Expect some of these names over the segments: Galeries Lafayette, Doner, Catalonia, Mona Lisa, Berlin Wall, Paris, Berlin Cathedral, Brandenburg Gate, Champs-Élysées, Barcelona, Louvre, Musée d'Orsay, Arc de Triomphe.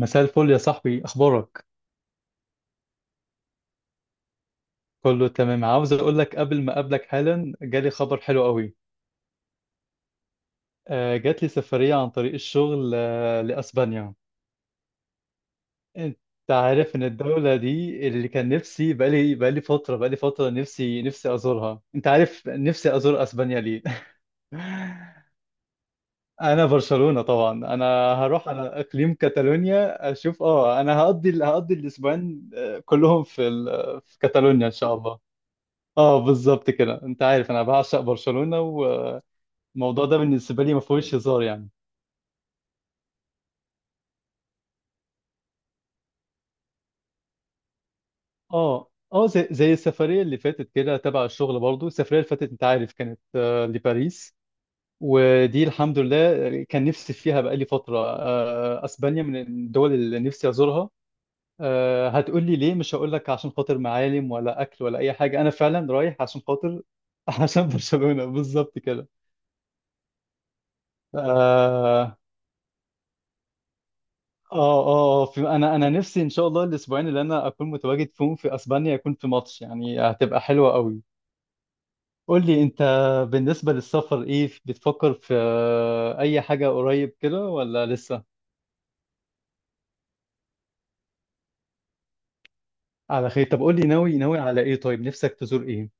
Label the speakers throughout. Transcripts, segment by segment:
Speaker 1: مساء الفل يا صاحبي، اخبارك؟ كله تمام. عاوز اقول لك قبل ما اقابلك حالا، جالي خبر حلو قوي. جات لي سفرية عن طريق الشغل، لاسبانيا. انت عارف ان الدولة دي اللي كان نفسي، بقالي فترة نفسي ازورها. انت عارف نفسي ازور اسبانيا ليه؟ انا برشلونة طبعا. انا هروح على اقليم كاتالونيا اشوف، انا هقضي الاسبوعين، كلهم في كاتالونيا ان شاء الله. اه، بالظبط كده. انت عارف انا بعشق برشلونة، والموضوع ده بالنسبة لي ما فيهوش هزار يعني. اه، اه، زي السفرية اللي فاتت كده، تبع الشغل برضو. السفرية اللي فاتت انت عارف كانت، لباريس. ودي الحمد لله كان نفسي فيها بقالي فترة. اسبانيا من الدول اللي نفسي ازورها. هتقول لي ليه؟ مش هقول لك عشان خاطر معالم ولا اكل ولا اي حاجة، انا فعلا رايح عشان خاطر عشان برشلونة، بالظبط كده. آه، اه، اه، آه، في انا نفسي ان شاء الله الاسبوعين اللي انا اكون متواجد فيهم في اسبانيا يكون في ماتش، يعني هتبقى حلوة قوي. قول لي انت، بالنسبة للسفر ايه بتفكر في؟ اي حاجة قريب كده ولا لسه؟ على خير. طب قول لي، ناوي على ايه؟ طيب نفسك تزور ايه؟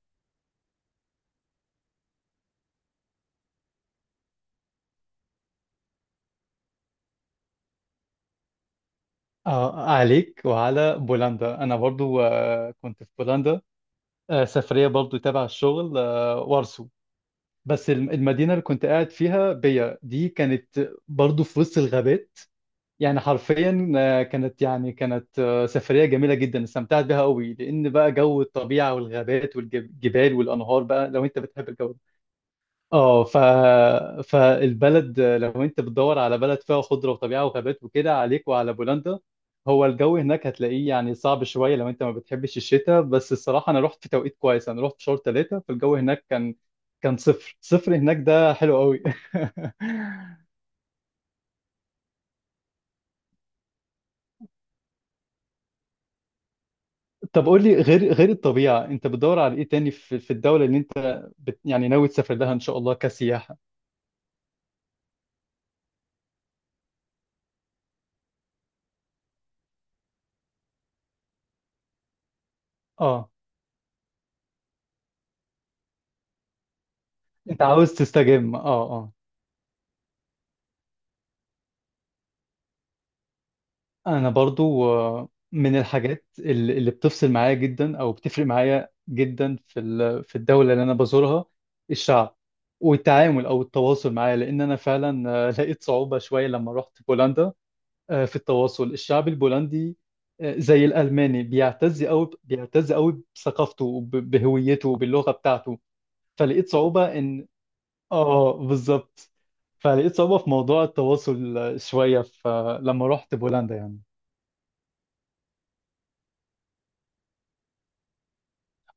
Speaker 1: عليك وعلى بولندا. انا برضو، كنت في بولندا، سفرية برضو تبع الشغل، وارسو. بس المدينة اللي كنت قاعد فيها بيا دي كانت برضو في وسط الغابات. يعني حرفيا، كانت، سفرية جميلة جدا، استمتعت بيها قوي. لأن بقى جو الطبيعة والغابات والجبال والأنهار بقى، لو أنت بتحب الجو ده. اه، فالبلد، لو أنت بتدور على بلد فيها خضرة وطبيعة وغابات وكده، عليك وعلى بولندا. هو الجو هناك هتلاقيه يعني صعب شوية لو أنت ما بتحبش الشتاء، بس الصراحة أنا رحت في توقيت كويس. أنا رحت في شهر ثلاثة، فالجو هناك كان صفر صفر هناك، ده حلو قوي. طب قول لي، غير الطبيعة، انت بتدور على ايه تاني في الدولة اللي انت يعني ناوي تسافر لها ان شاء الله كسياحة؟ اه، انت عاوز تستجم؟ اه. اه، انا برضو، من الحاجات اللي بتفصل معايا جدا، او بتفرق معايا جدا في في الدولة اللي انا بزورها، الشعب والتعامل او التواصل معايا. لان انا فعلا، لقيت صعوبة شوية لما رحت بولندا، في التواصل. الشعب البولندي، زي الألماني، بيعتز أوي بيعتز أوي بثقافته بهويته وباللغة بتاعته. فلقيت صعوبة إن، بالظبط. فلقيت صعوبة في موضوع التواصل، شوية لما رحت بولندا يعني.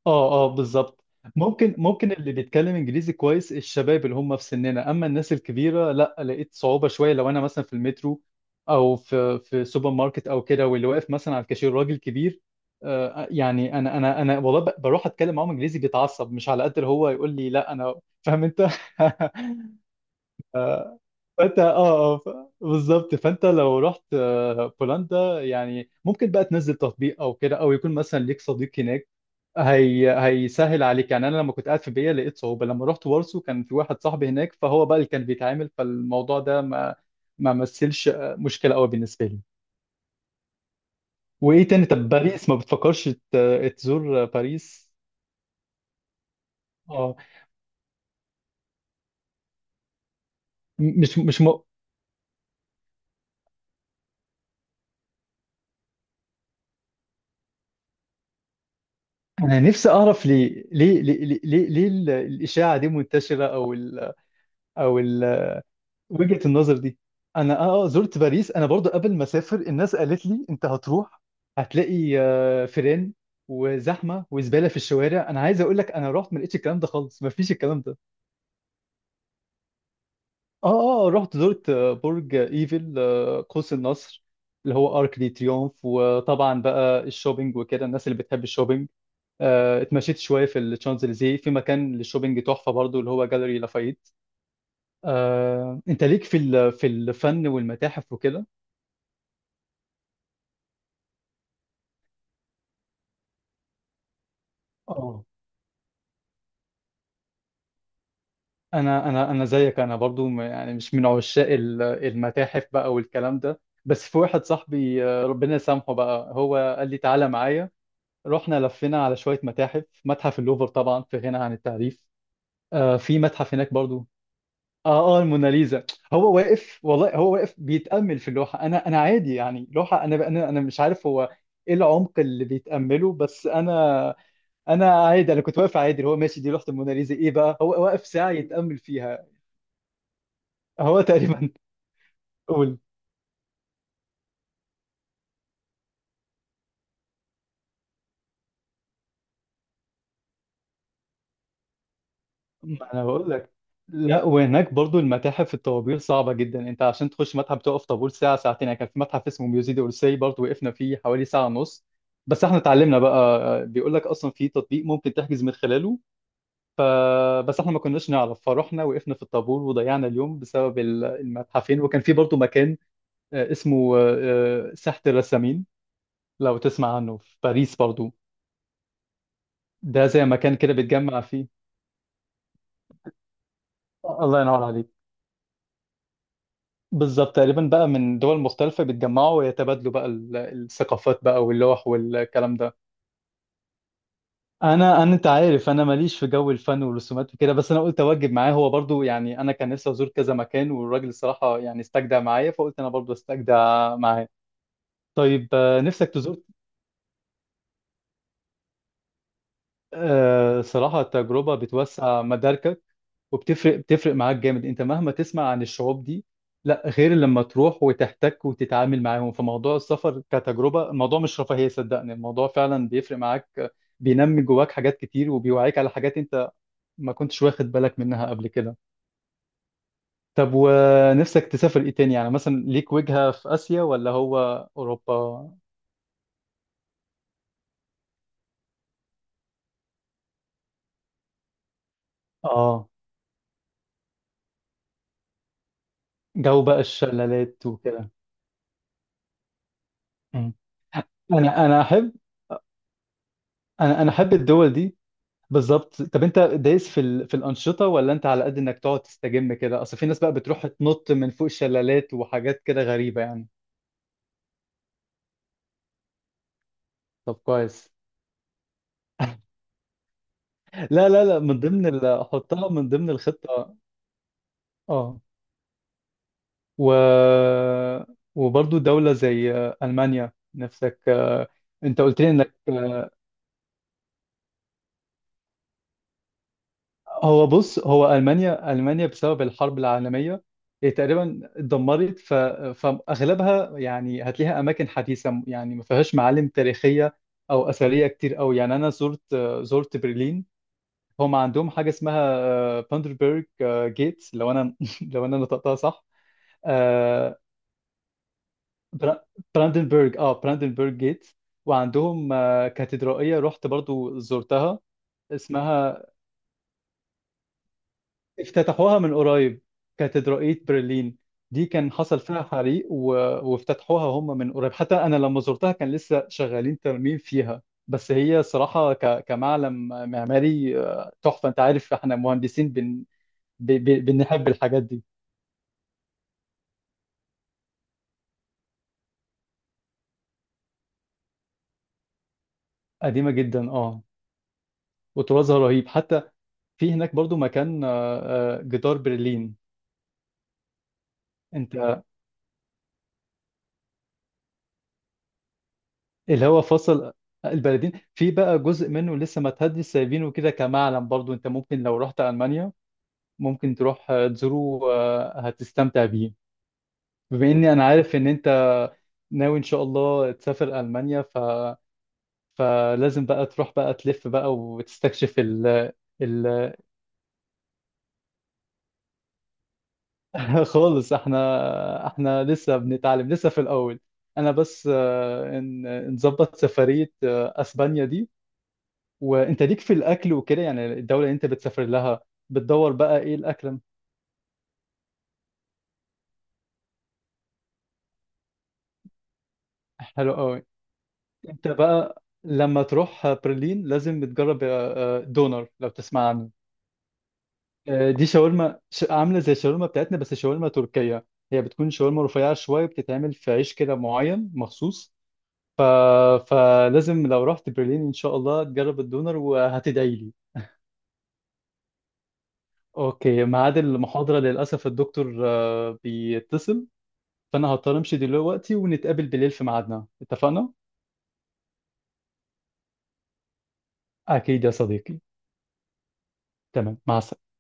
Speaker 1: اه، اه، بالظبط. ممكن اللي بيتكلم انجليزي كويس الشباب اللي هم في سننا، اما الناس الكبيره لا، لقيت صعوبه شويه. لو انا مثلا في المترو او في سوبر ماركت او كده، واللي واقف مثلا على الكاشير راجل كبير، يعني انا والله بروح اتكلم معاهم انجليزي بيتعصب، مش على قد اللي هو يقول لي لا انا فاهم انت. فانت، آه، ف- بالظبط. فانت لو رحت، بولندا، يعني ممكن بقى تنزل تطبيق او كده، او يكون مثلا ليك صديق هناك هي هيسهل عليك يعني. انا لما كنت قاعد في بيا لقيت صعوبه، لما رحت وارسو كان في واحد صاحبي هناك فهو بقى اللي كان بيتعامل، فالموضوع ده ما مثلش مشكله قوي بالنسبه لي. وايه تاني؟ طب باريس، ما بتفكرش تزور باريس؟ اه، مش انا نفسي اعرف ليه، الاشاعه دي منتشره، او ال... وجهة النظر دي. انا، زرت باريس انا برضو. قبل ما اسافر الناس قالت لي انت هتروح هتلاقي، فيران وزحمه وزباله في الشوارع. انا عايز اقول لك انا رحت ما لقيتش الكلام ده خالص، ما فيش الكلام ده. اه، اه، رحت زرت، برج ايفل، قوس النصر، اللي هو ارك دي تريومف. وطبعا بقى الشوبينج وكده، الناس اللي بتحب الشوبينج، اتمشيت شويه في الشانزليزيه، في مكان للشوبينج تحفه برضو اللي هو جاليري لافايت. انت ليك في في الفن والمتاحف وكده. اه، انا زيك، انا برضو، يعني مش من عشاق المتاحف بقى والكلام ده، بس في واحد صاحبي، ربنا يسامحه بقى، هو قال لي تعالى معايا. رحنا لفينا على شوية متاحف. متحف اللوفر طبعا في غنى عن التعريف. آه، في متحف هناك برضو. اه، اه، الموناليزا. هو واقف والله، هو واقف بيتأمل في اللوحة. انا عادي يعني لوحة. انا مش عارف هو ايه العمق اللي بيتأمله، بس انا عادي. انا كنت واقف عادي، اللي هو ماشي دي لوحة الموناليزا ايه بقى هو واقف ساعة يتأمل فيها. هو تقريبا قول، ما انا بقول لك. لا، وهناك برضو المتاحف الطوابير صعبة جدا. انت عشان تخش متحف تقف طابور ساعة، ساعتين يعني. كان في متحف اسمه ميوزي دي اورسي، برضو وقفنا فيه حوالي ساعة ونص. بس احنا اتعلمنا بقى، بيقول لك اصلا في تطبيق ممكن تحجز من خلاله. ف بس احنا ما كناش نعرف فروحنا وقفنا في الطابور وضيعنا اليوم بسبب المتحفين. وكان في برضو مكان، اسمه، ساحة الرسامين. لو تسمع عنه في باريس برضو. ده زي مكان كده بتجمع فيه. الله ينور عليك. بالظبط تقريبا بقى من دول مختلفة بيتجمعوا ويتبادلوا بقى الثقافات بقى واللوح والكلام ده. انا انت عارف انا ماليش في جو الفن والرسومات وكده، بس انا قلت اوجب معاه، هو برضو يعني انا كان نفسي ازور كذا مكان، والراجل الصراحة يعني استجدع معايا فقلت انا برضو استجدع معاه. طيب، نفسك تزور، صراحة تجربة بتوسع مداركك وبتفرق معاك جامد. انت مهما تسمع عن الشعوب دي، لا غير لما تروح وتحتك وتتعامل معاهم. فموضوع السفر كتجربة، الموضوع مش رفاهية، صدقني الموضوع فعلا بيفرق معاك، بينمي جواك حاجات كتير وبيوعيك على حاجات انت ما كنتش واخد بالك منها قبل كده. طب ونفسك تسافر ايه تاني؟ يعني مثلا ليك وجهة في آسيا ولا هو أوروبا؟ اه، جو بقى الشلالات وكده. مم. انا احب، انا احب الدول دي. بالظبط. طب انت دايس في الانشطه، ولا انت على قد انك تقعد تستجم كده؟ اصل في ناس بقى بتروح تنط من فوق شلالات وحاجات كده غريبه يعني. طب كويس. لا، لا، لا، من ضمن احطها من ضمن الخطه. اه، و... وبرضو دوله زي المانيا نفسك، انت قلت لي انك... هو بص، هو ألمانيا، بسبب الحرب العالمية إيه، تقريبا اتدمرت. فأغلبها يعني هتلاقيها أماكن حديثة، يعني ما فيهاش معالم تاريخية أو أثرية كتير أوي. يعني أنا زرت برلين. هم عندهم حاجة اسمها باندربرج جيتس، لو أنا لو أنا نطقتها صح. آه، برا- براندنبرج جيتس. وعندهم، كاتدرائية رحت برضو زرتها، اسمها، افتتحوها من قريب، كاتدرائية برلين. دي كان حصل فيها حريق و... وافتتحوها هم من قريب، حتى أنا لما زرتها كان لسه شغالين ترميم فيها. بس هي صراحة كمعلم معماري، تحفة. أنت عارف إحنا مهندسين بنحب الحاجات دي. قديمة جدا أه. وطرازها رهيب حتى. في هناك برضو مكان، جدار برلين. أنت، اللي هو فصل البلدين، في بقى جزء منه لسه ما تهدي سايبينه كده كمعلم برضو. أنت ممكن لو رحت ألمانيا ممكن تروح، تزوره، هتستمتع بيه. بما اني انا عارف ان انت ناوي ان شاء الله تسافر المانيا، فلازم بقى تروح بقى تلف بقى وتستكشف ال خالص، احنا لسه بنتعلم لسه في الاول. انا بس، نظبط سفرية، اسبانيا دي. وانت ليك في الاكل وكده يعني؟ الدولة اللي انت بتسافر لها بتدور بقى ايه؟ الاكل حلو قوي. انت بقى لما تروح برلين لازم تجرب، دونر لو تسمع عنه. دي شاورما عامله زي الشاورما بتاعتنا، بس شاورما تركيه. هي بتكون شاورما رفيعه شويه، بتتعمل في عيش كده معين مخصوص. ف... فلازم لو رحت برلين ان شاء الله تجرب الدونر وهتدعي لي. اوكي، ميعاد المحاضره للاسف الدكتور، بيتصل. فانا هضطر امشي دلوقتي ونتقابل بالليل في ميعادنا، اتفقنا؟ اكيد يا صديقي. تمام، مع السلامه.